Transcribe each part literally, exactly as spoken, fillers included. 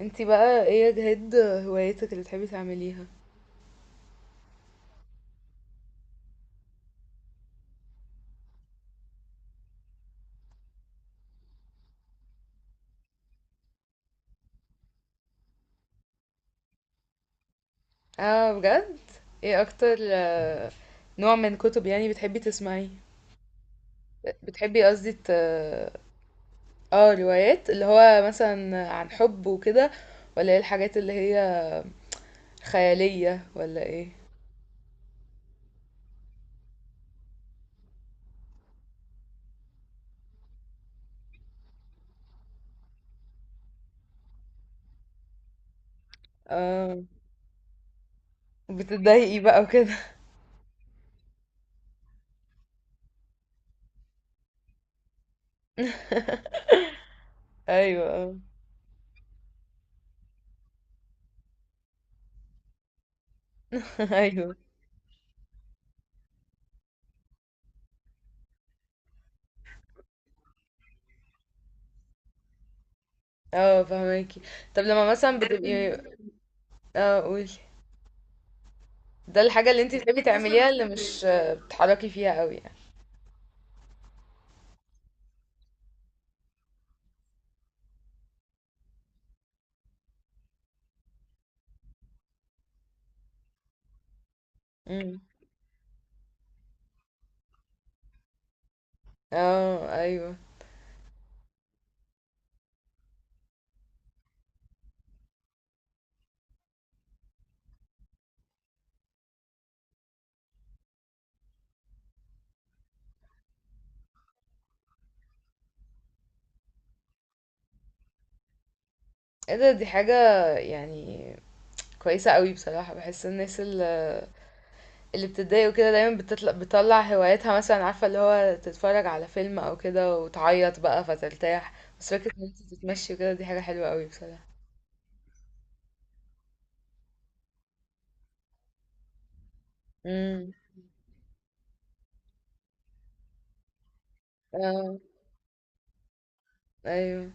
انتي بقى ايه يا جهاد، هوايتك اللي بتحبي تعمليها؟ اه، بجد؟ ايه اكتر آه، نوع من كتب يعني بتحبي تسمعيه؟ بتحبي، قصدي ت... اه، روايات اللي هو مثلا عن حب وكده، ولا ايه الحاجات اللي هي خيالية ولا ايه؟ اه، بتتضايقي بقى وكده؟ ايوه، اه. ايوه، اه، فهماكي. طب لما مثلا بتبقي، اه قولي. ده الحاجة اللي انتي بتحبي تعمليها، اللي مش آه، بتتحركي فيها قوي، يعني. اه، ايوه. ايه ده، دي حاجة يعني كويسة قوي بصراحة. بحس الناس اللي, اللي بتتضايق وكده دايما بتطلع, بتطلع هواياتها، مثلا عارفة اللي هو تتفرج على فيلم او كده وتعيط بقى فترتاح. بس فكرة ان انت تتمشي وكده دي حاجة حلوة قوي بصراحة. امم. اه، ايوه.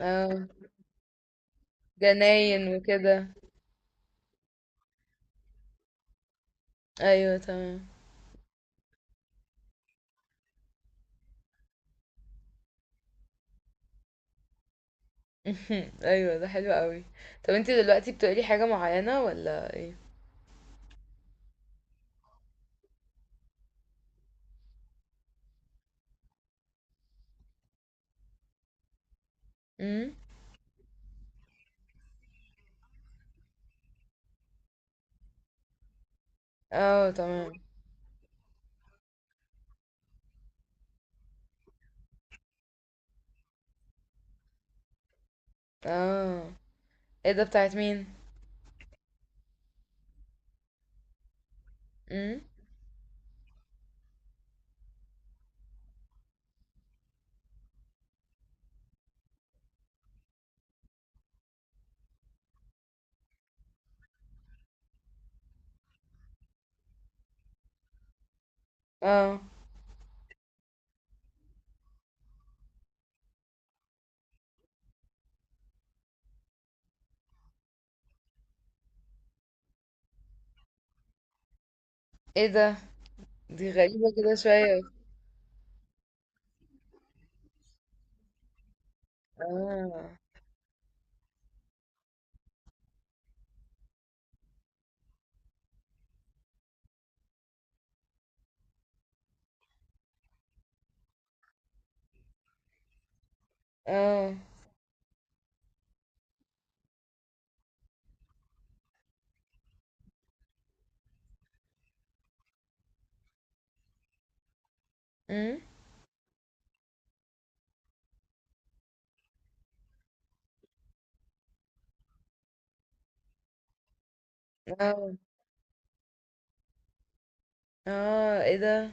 اه، جناين وكده. ايوه، تمام. ايوه، ده حلو قوي. طب انت دلوقتي بتقري حاجة معينة ولا ايه؟ امم. اه، تمام. اه، ايه ده، بتاعت مين؟ امم. اه، ايه ده، دي غريبة كده شوية. اه، اه. امم. اه، اه، ايه ده.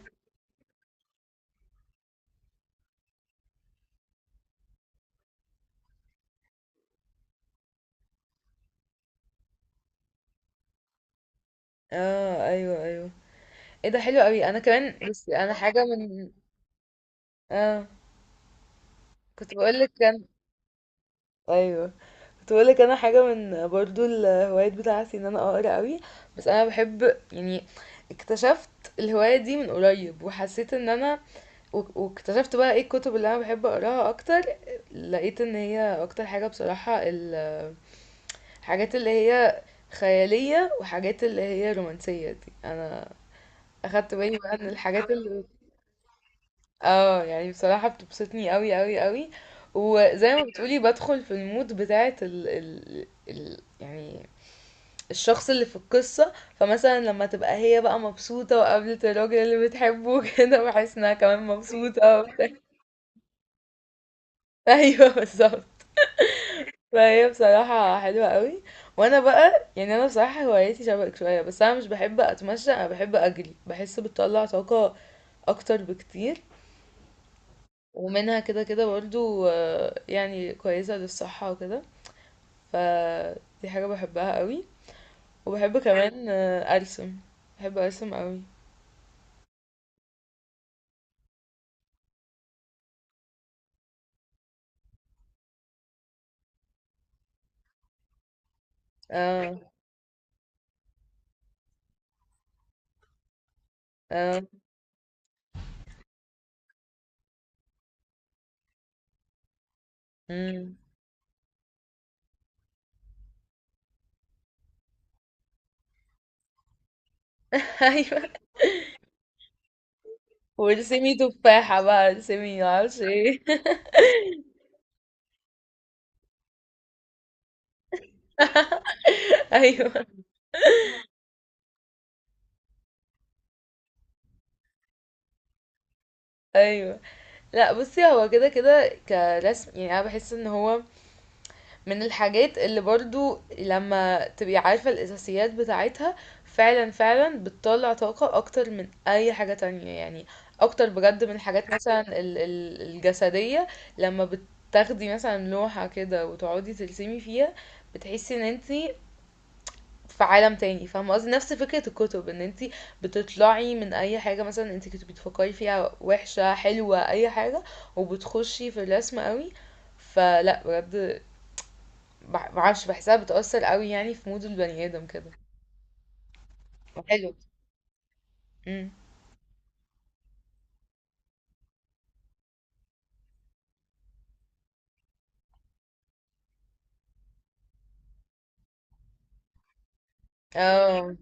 اه، ايوه، ايوه. ايه ده حلو قوي. انا كمان، بس انا حاجة من، اه، كنت بقول لك. كان ايوه، كنت بقول لك انا حاجة من برضو الهوايات بتاعتي ان انا اقرا قوي. بس انا بحب يعني اكتشفت الهواية دي من قريب، وحسيت ان انا و- واكتشفت بقى ايه الكتب اللي انا بحب اقراها اكتر. لقيت ان هي اكتر حاجة بصراحة حاجات اللي هي خيالية وحاجات اللي هي رومانسية، دي انا اخدت بالي بقى ان الحاجات اللي اه يعني بصراحة بتبسطني قوي قوي قوي. وزي ما بتقولي بدخل في المود بتاعت ال... ال... ال... يعني الشخص اللي في القصة، فمثلا لما تبقى هي بقى مبسوطة وقابلت الراجل اللي بتحبه كده بحس انها كمان مبسوطة وبتاع. ايوه، بالظبط. فهي بصراحة حلوة قوي. وانا بقى يعني انا بصراحة هوايتي شبهك شوية، بس انا مش بحب اتمشى، انا بحب اجري، بحس بتطلع طاقة اكتر بكتير. ومنها كده كده برضو، آه، يعني كويسة للصحة وكده. فدي حاجة بحبها قوي. وبحب كمان آه، ارسم. بحب ارسم قوي. اه، اه. امم. ايوه. وارسمي تفاحة بقى، ارسمي معرفش ايه. ايوه، ايوه. لأ بُصّي، هو كده، كده كرسم، يعني أنا باحس إن هو من الحاجات اللي برضه لمّا تبقي عارفة الأساسيات بتاعتها فعلًا، فعلًا بتطلّع طاقة أكتر من أي حاجة تانية، يعني أكتر بجد من الحاجات مثلًا ال ال الجسدية. لمّا بتاخدي مثلًا لوحة كده وتقعدي ترسمي فيها، بتحسي إن أنتِ في عالم تاني. فاهمة قصدي، نفس فكرة الكتب ان انتي بتطلعي من اي حاجة مثلا انتي كنت بتفكري فيها وحشة حلوة اي حاجة، وبتخشي في الرسم قوي. فلا بجد، مع- معرفش بحسها بتأثر قوي، يعني في مود البني ادم كده. حلو. امم. اه،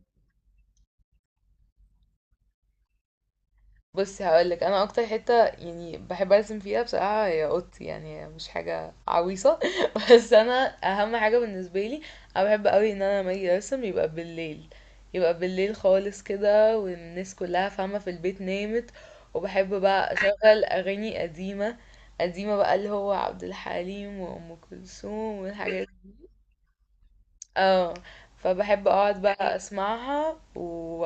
بصي هقولك انا اكتر حته يعني بحب ارسم فيها بصراحه هي اوضتي، يعني مش حاجه عويصه. بس انا اهم حاجه بالنسبه لي، انا بحب قوي ان انا لما اجي ارسم يبقى بالليل، يبقى بالليل خالص كده، والناس كلها فاهمه في البيت نامت. وبحب بقى اشغل اغاني قديمه، قديمه بقى اللي هو عبد الحليم وام كلثوم والحاجات دي. اه، فبحب اقعد بقى اسمعها و...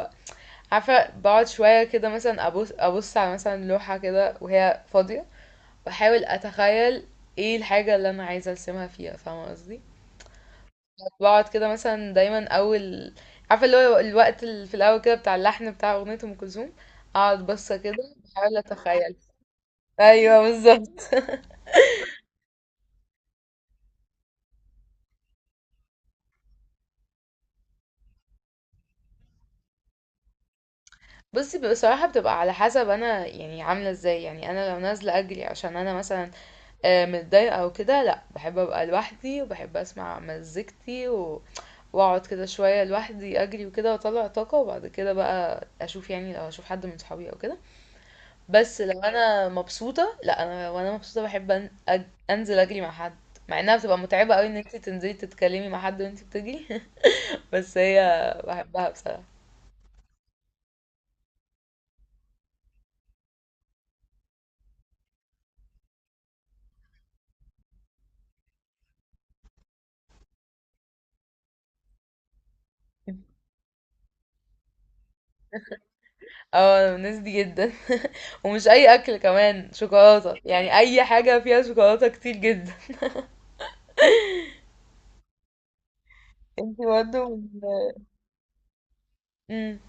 عارفة، بقعد شوية كده مثلا أبص أبص على مثلا لوحة كده وهي فاضية، وأحاول أتخيل ايه الحاجة اللي أنا عايزة أرسمها فيها، فاهمة قصدي. بقعد كده مثلا دايما أول، عارفة اللي هو الوقت اللي في الأول كده بتاع اللحن بتاع أغنية أم كلثوم، أقعد بصة كده بحاول أتخيل. أيوه، بالظبط. بصي بصراحة بتبقى على حسب أنا يعني عاملة ازاي، يعني أنا لو نازلة أجري عشان أنا مثلا آآ متضايقة أو كده، لأ، باحب أبقى لوحدي وباحب أسمع مزيكتي و وأقعد كده شوية لوحدي أجري وكده وأطلّع طاقة، وبعد كده بقى أشوف، يعني لو هاشوف حد من صحابي أو كده، بس لو أنا مبسوطة لأ، أنا وأنا مبسوطة باحب أن أج أنزل أجري مع حد، مع إنها بتبقى متعبة أوي إن أنتِ تنزلي تتكلمي مع حد وأنتِ بتجري. بس هي باحبها بصراحة. آه، أنا من الناس دي جدًا. ومش أي أكل، كمان شوكولاتة، يعني أي حاجة فيها شوكولاتة كتير جدًا. أنتِ برضه. امم،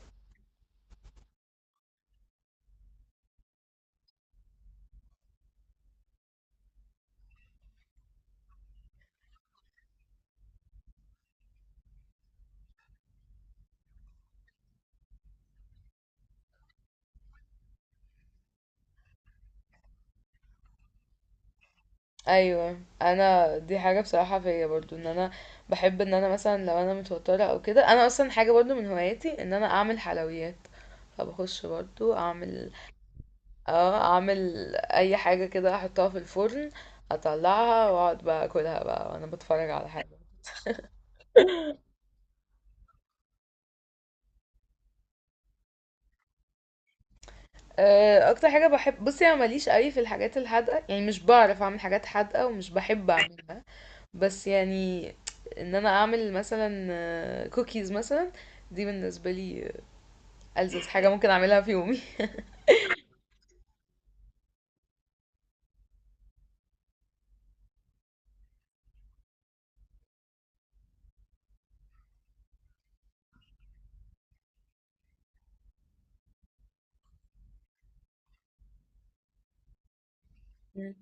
ايوه، انا دي حاجه بصراحه فيا برضو، ان انا بحب ان انا مثلا لو انا متوتره او كده، انا اصلا حاجه برضو من هواياتي ان انا اعمل حلويات. فبخش برضو اعمل اه اعمل اي حاجه كده احطها في الفرن، اطلعها واقعد بقى اكلها بقى وانا بتفرج على حاجه. آه، اكتر حاجه بحب، بصي انا ماليش قوي في الحاجات الحادقه، يعني مش بعرف اعمل حاجات حادقه ومش بحب اعملها. بس يعني ان انا اعمل مثلا كوكيز مثلا، دي بالنسبه لي ألذذ حاجة ممكن أعملها في يومي. مم.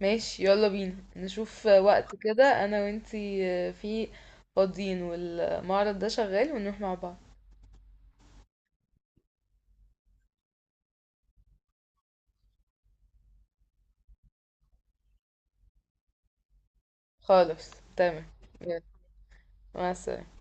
ماشي، يلا بينا نشوف وقت كده أنا وإنتي فيه فاضيين والمعرض ده شغال، ونروح مع بعض. خالص، تمام. يلا، مع السلامة.